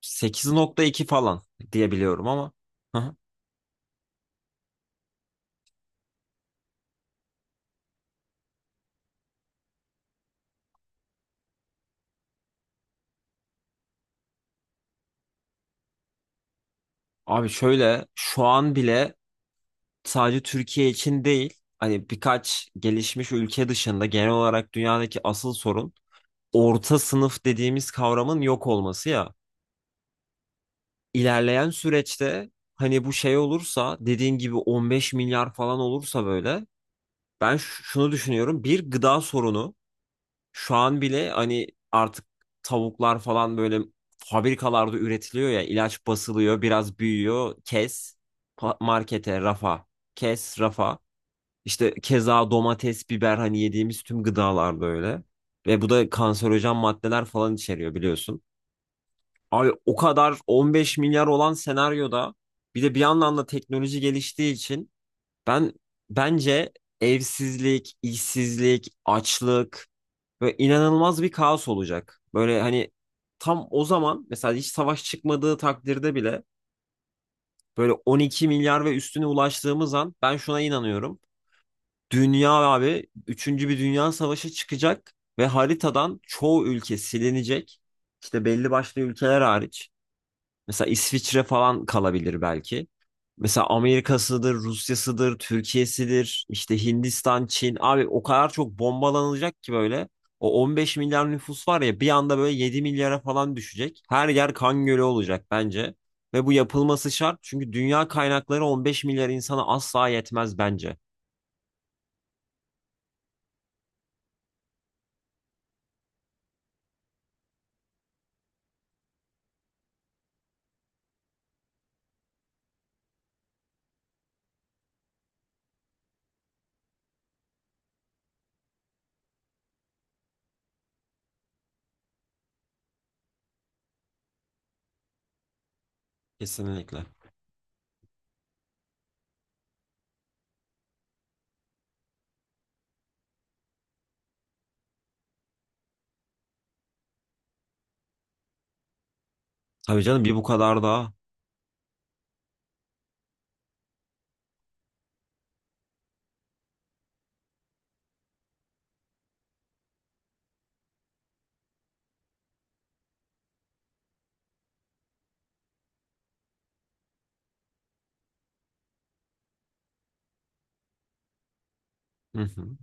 8.2 falan diye biliyorum ama. Hı hı. Abi şöyle, şu an bile sadece Türkiye için değil, hani birkaç gelişmiş ülke dışında genel olarak dünyadaki asıl sorun orta sınıf dediğimiz kavramın yok olması ya. İlerleyen süreçte hani bu şey olursa, dediğin gibi 15 milyar falan olursa böyle, ben şunu düşünüyorum, bir gıda sorunu. Şu an bile hani artık tavuklar falan böyle fabrikalarda üretiliyor ya, ilaç basılıyor, biraz büyüyor kes, markete rafa, kes rafa. İşte keza domates, biber, hani yediğimiz tüm gıdalar böyle ve bu da kanserojen maddeler falan içeriyor, biliyorsun. Abi o kadar, 15 milyar olan senaryoda bir de bir yandan da teknoloji geliştiği için ben bence evsizlik, işsizlik, açlık ve inanılmaz bir kaos olacak. Böyle hani tam o zaman mesela hiç savaş çıkmadığı takdirde bile böyle 12 milyar ve üstüne ulaştığımız an ben şuna inanıyorum. Dünya abi, üçüncü bir dünya savaşı çıkacak ve haritadan çoğu ülke silinecek. İşte belli başlı ülkeler hariç. Mesela İsviçre falan kalabilir belki. Mesela Amerika'sıdır, Rusya'sıdır, Türkiye'sidir, işte Hindistan, Çin. Abi o kadar çok bombalanılacak ki böyle. O 15 milyar nüfus var ya, bir anda böyle 7 milyara falan düşecek. Her yer kan gölü olacak bence. Ve bu yapılması şart, çünkü dünya kaynakları 15 milyar insana asla yetmez bence. Kesinlikle. Tabii canım, bir bu kadar daha. Hı hı.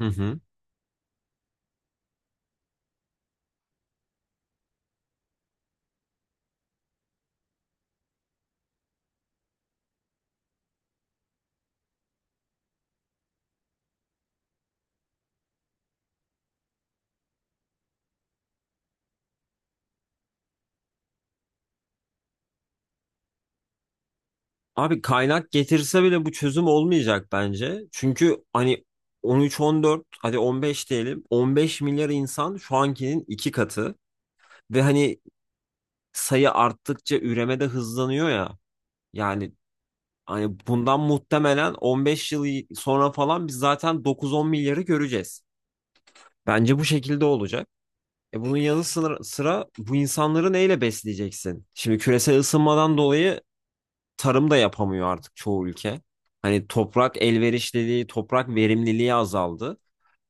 Hı hı. Abi kaynak getirse bile bu çözüm olmayacak bence. Çünkü hani 13-14, hadi 15 diyelim, 15 milyar insan şu ankinin iki katı ve hani sayı arttıkça üreme de hızlanıyor ya. Yani hani bundan muhtemelen 15 yıl sonra falan biz zaten 9-10 milyarı göreceğiz. Bence bu şekilde olacak. E bunun yanı sıra, bu insanları neyle besleyeceksin? Şimdi küresel ısınmadan dolayı tarım da yapamıyor artık çoğu ülke. Hani toprak elverişliliği, toprak verimliliği azaldı.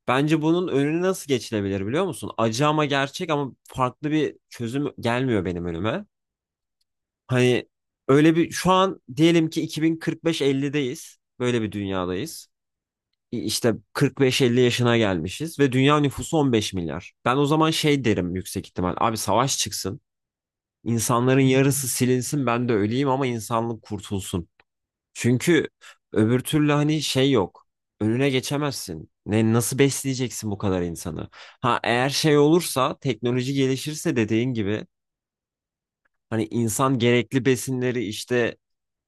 Bence bunun önüne nasıl geçilebilir, biliyor musun? Acı ama gerçek, ama farklı bir çözüm gelmiyor benim önüme. Hani öyle, bir şu an diyelim ki 2045-50'deyiz. Böyle bir dünyadayız. İşte 45-50 yaşına gelmişiz ve dünya nüfusu 15 milyar. Ben o zaman şey derim, yüksek ihtimal. Abi savaş çıksın. İnsanların yarısı silinsin, ben de öleyim ama insanlık kurtulsun. Çünkü öbür türlü hani şey yok. Önüne geçemezsin. Ne, nasıl besleyeceksin bu kadar insanı? Ha, eğer şey olursa, teknoloji gelişirse dediğin gibi, hani insan gerekli besinleri işte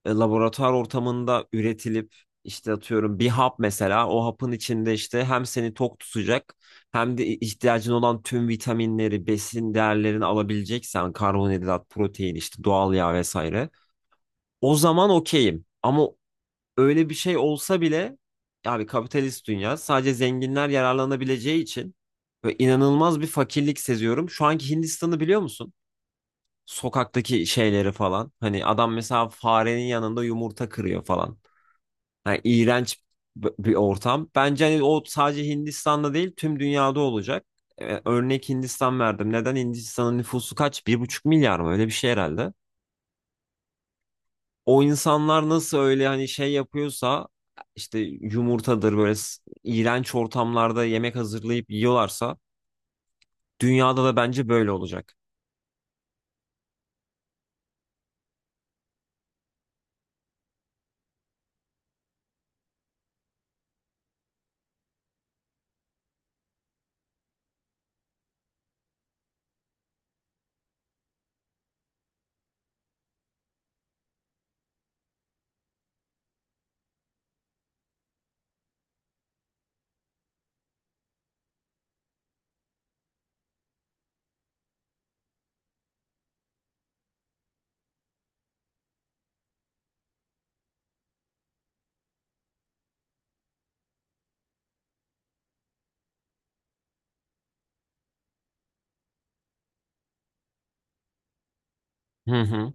laboratuvar ortamında üretilip, işte atıyorum bir hap mesela, o hapın içinde işte hem seni tok tutacak hem de ihtiyacın olan tüm vitaminleri, besin değerlerini alabileceksen, karbonhidrat, protein, işte doğal yağ vesaire. O zaman okeyim. Ama öyle bir şey olsa bile, abi kapitalist dünya sadece zenginler yararlanabileceği için ve inanılmaz bir fakirlik seziyorum. Şu anki Hindistan'ı biliyor musun? Sokaktaki şeyleri falan. Hani adam mesela farenin yanında yumurta kırıyor falan. Yani iğrenç bir ortam. Bence hani o sadece Hindistan'da değil, tüm dünyada olacak. Örnek Hindistan verdim. Neden? Hindistan'ın nüfusu kaç, 1,5 milyar mı? Öyle bir şey herhalde. O insanlar nasıl öyle hani şey yapıyorsa, işte yumurtadır böyle, iğrenç ortamlarda yemek hazırlayıp yiyorlarsa, dünyada da bence böyle olacak. Hı hı.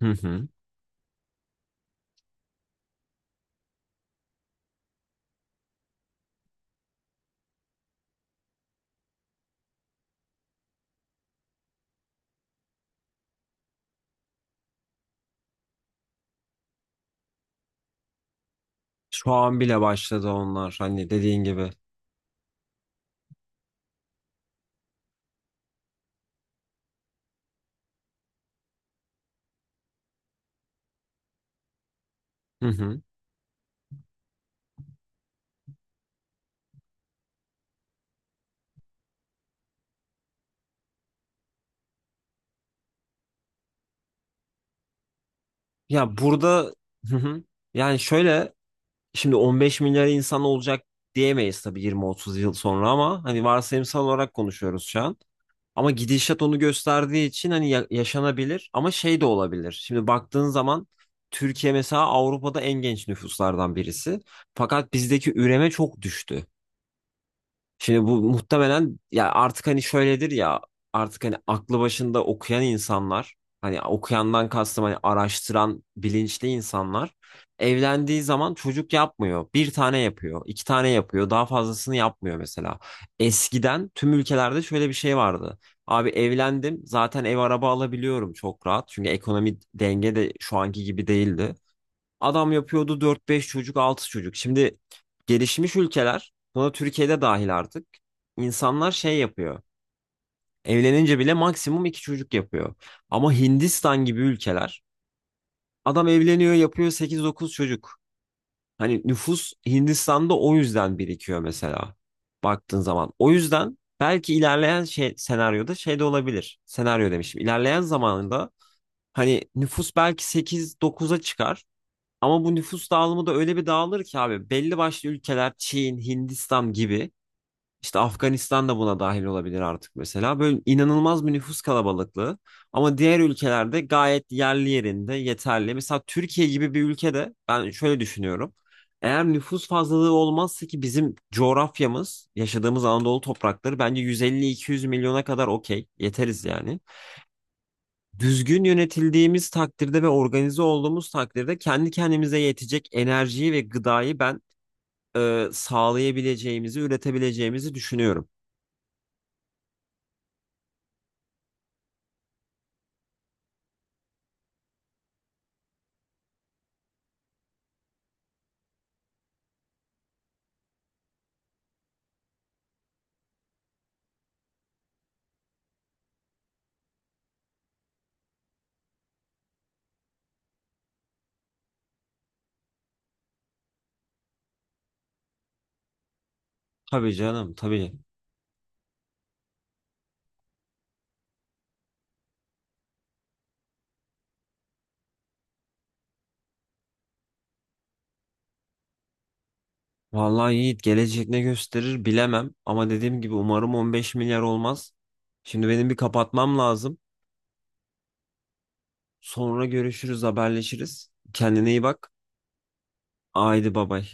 Hı hı. Şu an bile başladı onlar, hani dediğin gibi. Hı hı. Ya burada, hı hı. Yani şöyle, şimdi 15 milyar insan olacak diyemeyiz tabii, 20-30 yıl sonra, ama hani varsayımsal olarak konuşuyoruz şu an. Ama gidişat onu gösterdiği için, hani yaşanabilir ama şey de olabilir. Şimdi baktığın zaman Türkiye mesela Avrupa'da en genç nüfuslardan birisi. Fakat bizdeki üreme çok düştü. Şimdi bu muhtemelen ya, artık hani şöyledir ya, artık hani aklı başında okuyan insanlar, hani okuyandan kastım hani araştıran bilinçli insanlar, evlendiği zaman çocuk yapmıyor. Bir tane yapıyor, iki tane yapıyor, daha fazlasını yapmıyor mesela. Eskiden tüm ülkelerde şöyle bir şey vardı. Abi evlendim zaten, ev araba alabiliyorum çok rahat. Çünkü ekonomi denge de şu anki gibi değildi. Adam yapıyordu dört beş çocuk, 6 çocuk. Şimdi gelişmiş ülkeler, buna Türkiye'de dahil artık, insanlar şey yapıyor, evlenince bile maksimum 2 çocuk yapıyor. Ama Hindistan gibi ülkeler, adam evleniyor, yapıyor sekiz dokuz çocuk. Hani nüfus Hindistan'da o yüzden birikiyor mesela. Baktığın zaman. O yüzden belki ilerleyen şey, senaryoda şey de olabilir. Senaryo demişim. İlerleyen zamanında hani nüfus belki sekiz dokuz'a çıkar. Ama bu nüfus dağılımı da öyle bir dağılır ki, abi belli başlı ülkeler Çin, Hindistan gibi, işte Afganistan da buna dahil olabilir artık mesela. Böyle inanılmaz bir nüfus kalabalıklığı, ama diğer ülkelerde gayet yerli yerinde, yeterli. Mesela Türkiye gibi bir ülkede ben şöyle düşünüyorum. Eğer nüfus fazlalığı olmazsa ki, bizim coğrafyamız, yaşadığımız Anadolu toprakları bence 150-200 milyona kadar okey. Yeteriz yani. Düzgün yönetildiğimiz takdirde ve organize olduğumuz takdirde kendi kendimize yetecek enerjiyi ve gıdayı ben sağlayabileceğimizi, üretebileceğimizi düşünüyorum. Tabii canım, tabii. Vallahi Yiğit, gelecek ne gösterir bilemem, ama dediğim gibi umarım 15 milyar olmaz. Şimdi benim bir kapatmam lazım. Sonra görüşürüz, haberleşiriz. Kendine iyi bak. Haydi babay.